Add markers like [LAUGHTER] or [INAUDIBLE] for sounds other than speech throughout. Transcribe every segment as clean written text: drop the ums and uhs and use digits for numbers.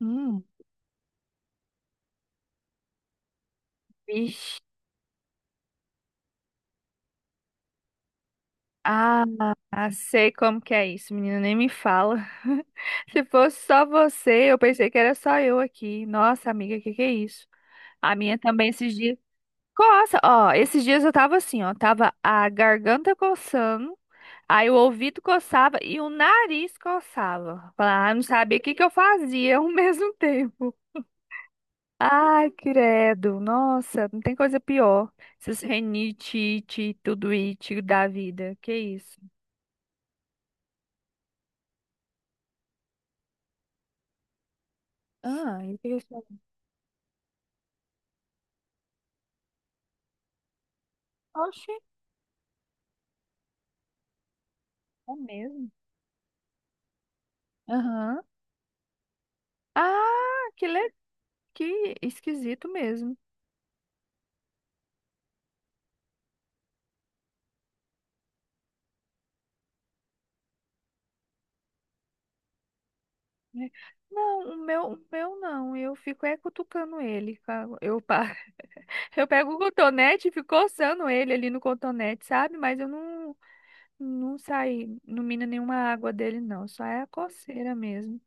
Hum. Vixe. Ah, sei como que é isso, menina, nem me fala. [LAUGHS] Se fosse só você, eu pensei que era só eu aqui. Nossa, amiga, que é isso? A minha também esses dias. Coça, ó, esses dias eu tava assim, ó, tava a garganta coçando, aí o ouvido coçava e o nariz coçava. Falar, ah, não sabia o que que eu fazia ao [LAUGHS] mesmo tempo. Ai, credo, nossa, não tem coisa pior. Esses renite, ite, tudo it da vida, que isso? Ah, eu fiquei assim, oxe, é mesmo? Aham. Ah, que, le... que esquisito mesmo. Né? Não, o meu não. Eu fico é cutucando ele. [LAUGHS] Eu pego o cotonete e fico coçando ele ali no cotonete, sabe? Mas eu não, não saí, não mina nenhuma água dele, não. Só é a coceira mesmo.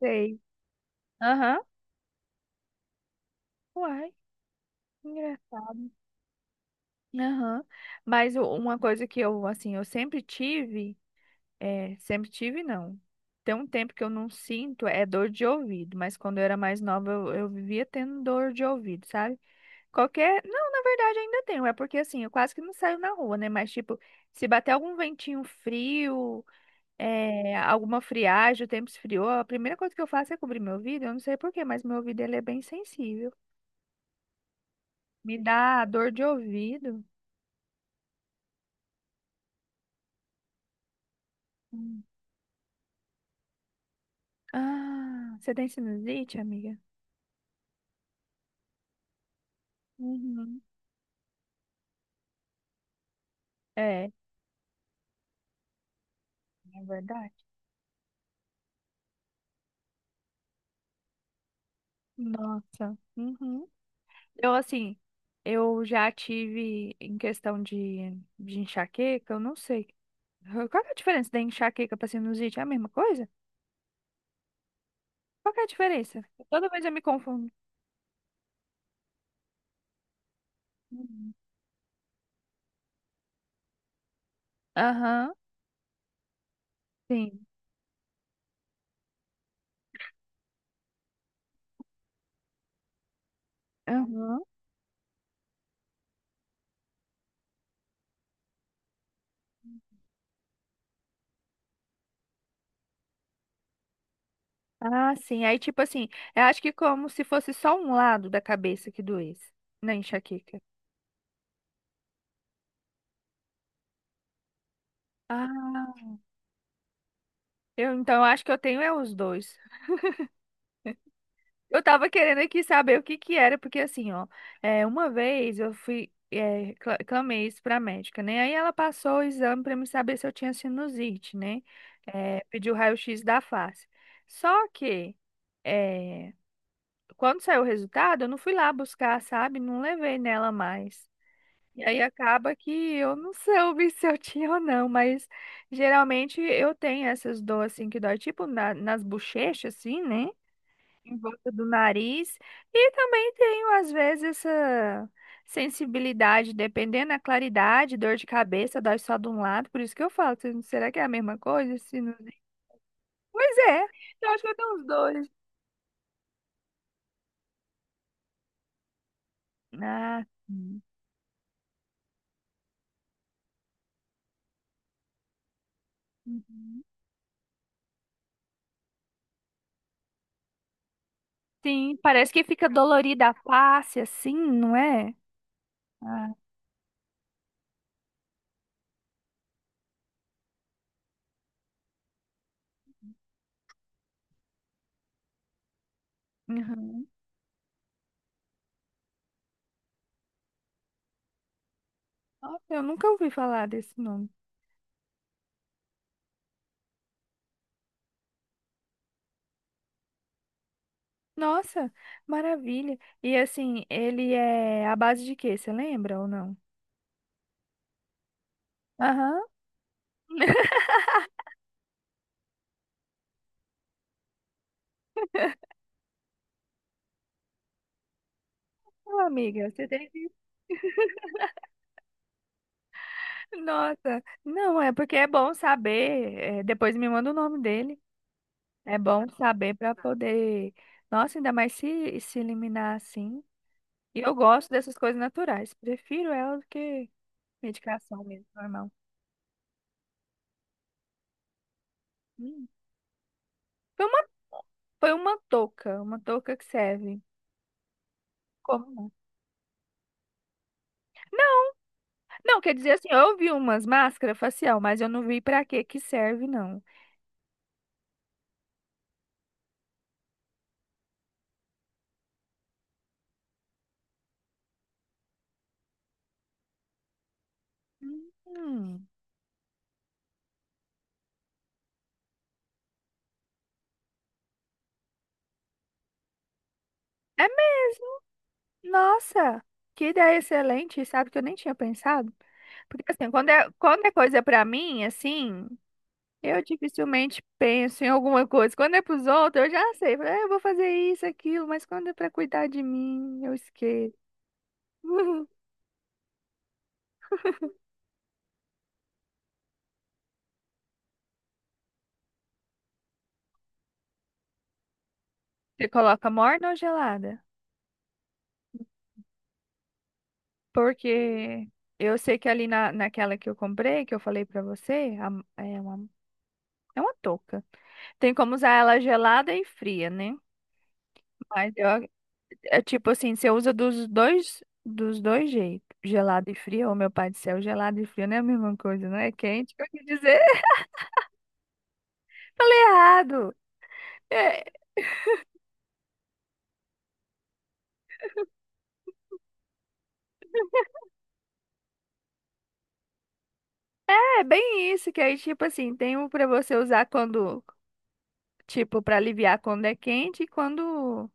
Sei. Aham. Uai. engra- Aham. Uma coisa que eu, assim, eu sempre tive. É, sempre tive, não. Tem um tempo que eu não sinto, é dor de ouvido, mas quando eu era mais nova, eu vivia tendo dor de ouvido, sabe? Qualquer. Não, na verdade ainda tenho, é porque assim, eu quase que não saio na rua, né? Mas tipo, se bater algum ventinho frio, é, alguma friagem, o tempo esfriou, a primeira coisa que eu faço é cobrir meu ouvido, eu não sei por quê, mas meu ouvido ele é bem sensível. Me dá dor de ouvido. Hum. Ah, você tem sinusite, amiga? Uhum. É, é verdade. Nossa. Uhum. Eu, assim, eu já tive em questão de enxaqueca, eu não sei. Qual que é a diferença da enxaqueca para sinusite? É a mesma coisa? Qual que é a diferença? Toda vez eu me confundo. Uhum. Aham, sim. Aham. Ah, sim. Aí, tipo assim, eu acho que como se fosse só um lado da cabeça que doesse na enxaqueca. Ah, eu, então, eu acho que eu tenho é os dois. Eu tava querendo aqui saber o que que era, porque assim, ó, é, uma vez eu fui, é, clamei isso pra médica, né? Aí ela passou o exame pra me saber se eu tinha sinusite, né? É, pediu raio-x da face. Só que, é, quando saiu o resultado, eu não fui lá buscar, sabe? Não levei nela mais. E aí acaba que eu não soube [LAUGHS] se eu tinha ou não, mas geralmente eu tenho essas dores assim que dói, tipo nas bochechas, assim, né? Em volta do nariz. E também tenho, às vezes, essa sensibilidade, dependendo da claridade, dor de cabeça, dói só de um lado. Por isso que eu falo, será que é a mesma coisa? Sinusite? Pois é, eu acho que eu tenho os dois. Ah, sim. Uhum. Sim, parece que fica dolorida a face, assim, não é? Ah, uhum. Nossa, eu nunca ouvi falar desse nome. Nossa, maravilha. E assim, ele é à base de quê? Você lembra ou não? Aham. Ô, amiga, você tem que. Nossa, não, é porque é bom saber. É, depois me manda o nome dele. É bom saber para poder. Nossa, ainda mais se, se eliminar assim. E eu gosto dessas coisas naturais. Prefiro ela do que medicação mesmo, normal. Hum. Foi uma, foi uma touca que serve. Como não? Não, quer dizer assim, eu vi umas máscaras facial, mas eu não vi para que que serve, não. Hum. É, nossa, que ideia excelente, sabe que eu nem tinha pensado? Porque assim, quando é coisa pra mim, assim, eu dificilmente penso em alguma coisa. Quando é pros outros, eu já sei. Falo, "É, eu vou fazer isso, aquilo, mas quando é pra cuidar de mim, eu esqueço. [LAUGHS] Você coloca morna ou gelada? Porque eu sei que ali naquela que eu comprei, que eu falei pra você, é uma touca. Tem como usar ela gelada e fria, né? Mas eu. É tipo assim, você usa dos dois jeitos. Gelado e frio, ô meu pai do céu, gelado e frio não é a mesma coisa, não é quente. Eu quis dizer, [LAUGHS] falei errado. É, é bem isso, que aí, tipo assim, tem um pra você usar quando, tipo, pra aliviar quando é quente e quando.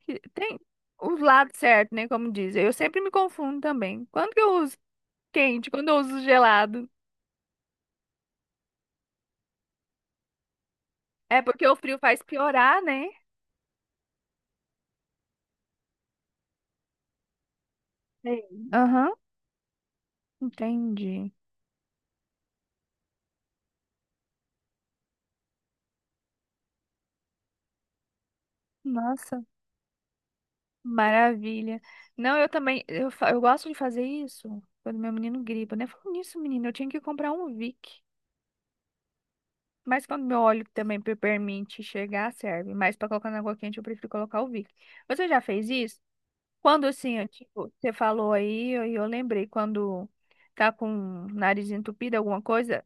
Tem os lados certos, né? Como dizem. Eu sempre me confundo também. Quando que eu uso quente, quando eu uso gelado. É porque o frio faz piorar, né? Sim. Aham, entendi. Nossa. Maravilha. Não, eu também, eu gosto de fazer isso quando meu menino gripa, né? Falando nisso, menino, eu tinha que comprar um Vic. Mas quando meu óleo também permite chegar, serve. Mas para colocar na água quente, eu prefiro colocar o Vic. Você já fez isso? Quando assim, eu, tipo, você falou aí, eu lembrei, quando tá com o nariz entupido, alguma coisa,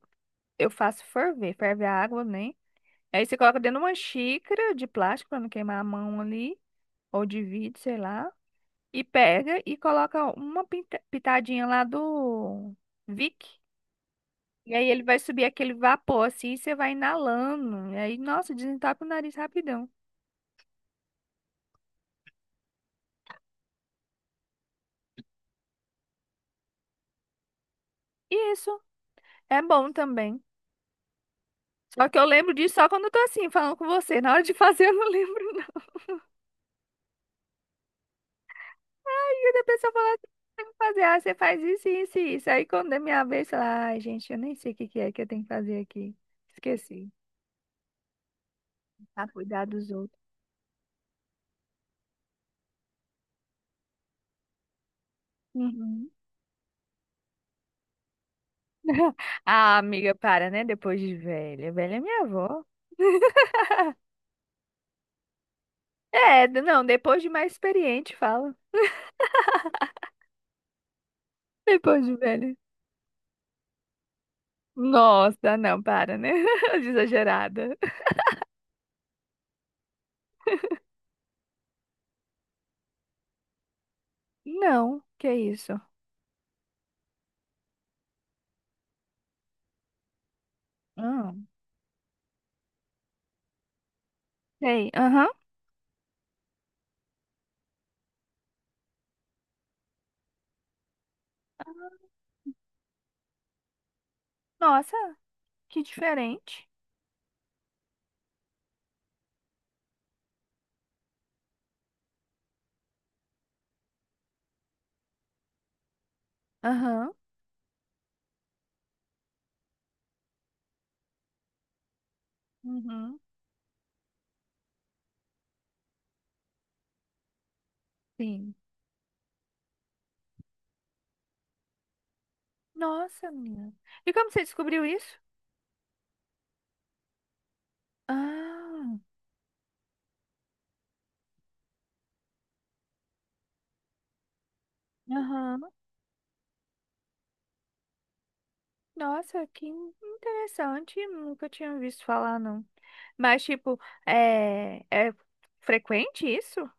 eu faço ferver, ferve a água, né? Aí você coloca dentro de uma xícara de plástico para não queimar a mão ali, ou de vidro, sei lá. E pega e coloca uma pitadinha lá do Vic. E aí ele vai subir aquele vapor assim e você vai inalando. E aí, nossa, desentope o nariz rapidão. E isso é bom também. Só que eu lembro disso só quando eu tô assim, falando com você. Na hora de fazer, eu não lembro, não. E aí a pessoa fala assim, tem que fazer, ah, você faz isso, isso e isso. Aí quando é minha vez, sei lá, ai, gente, eu nem sei o que que é que eu tenho que fazer aqui. Esqueci. Ah, cuidar dos outros. Uhum. [LAUGHS] Ah, amiga, para, né? Depois de velha. Velha é minha avó. É, não, depois de mais experiente, fala. Depois de velho. Nossa, não, para, né? [LAUGHS] Exagerada. Não, que isso? Ah, sei. Aham. Nossa, que diferente. Aham. Uhum. Sim. Nossa, minha. E como você descobriu isso? Ah, aham. Nossa, que interessante. Nunca tinha visto falar, não. Mas, tipo, é frequente isso?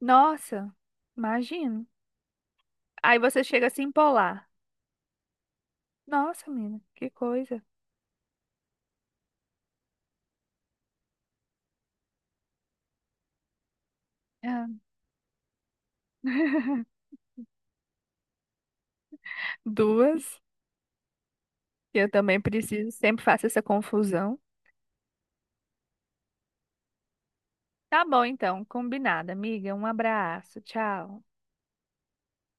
Nossa, imagino. Aí você chega a se empolar. Nossa, menina, que coisa. Ah, [LAUGHS] Duas. Eu também preciso, sempre faço essa confusão. Tá bom, então, combinado, amiga. Um abraço, tchau.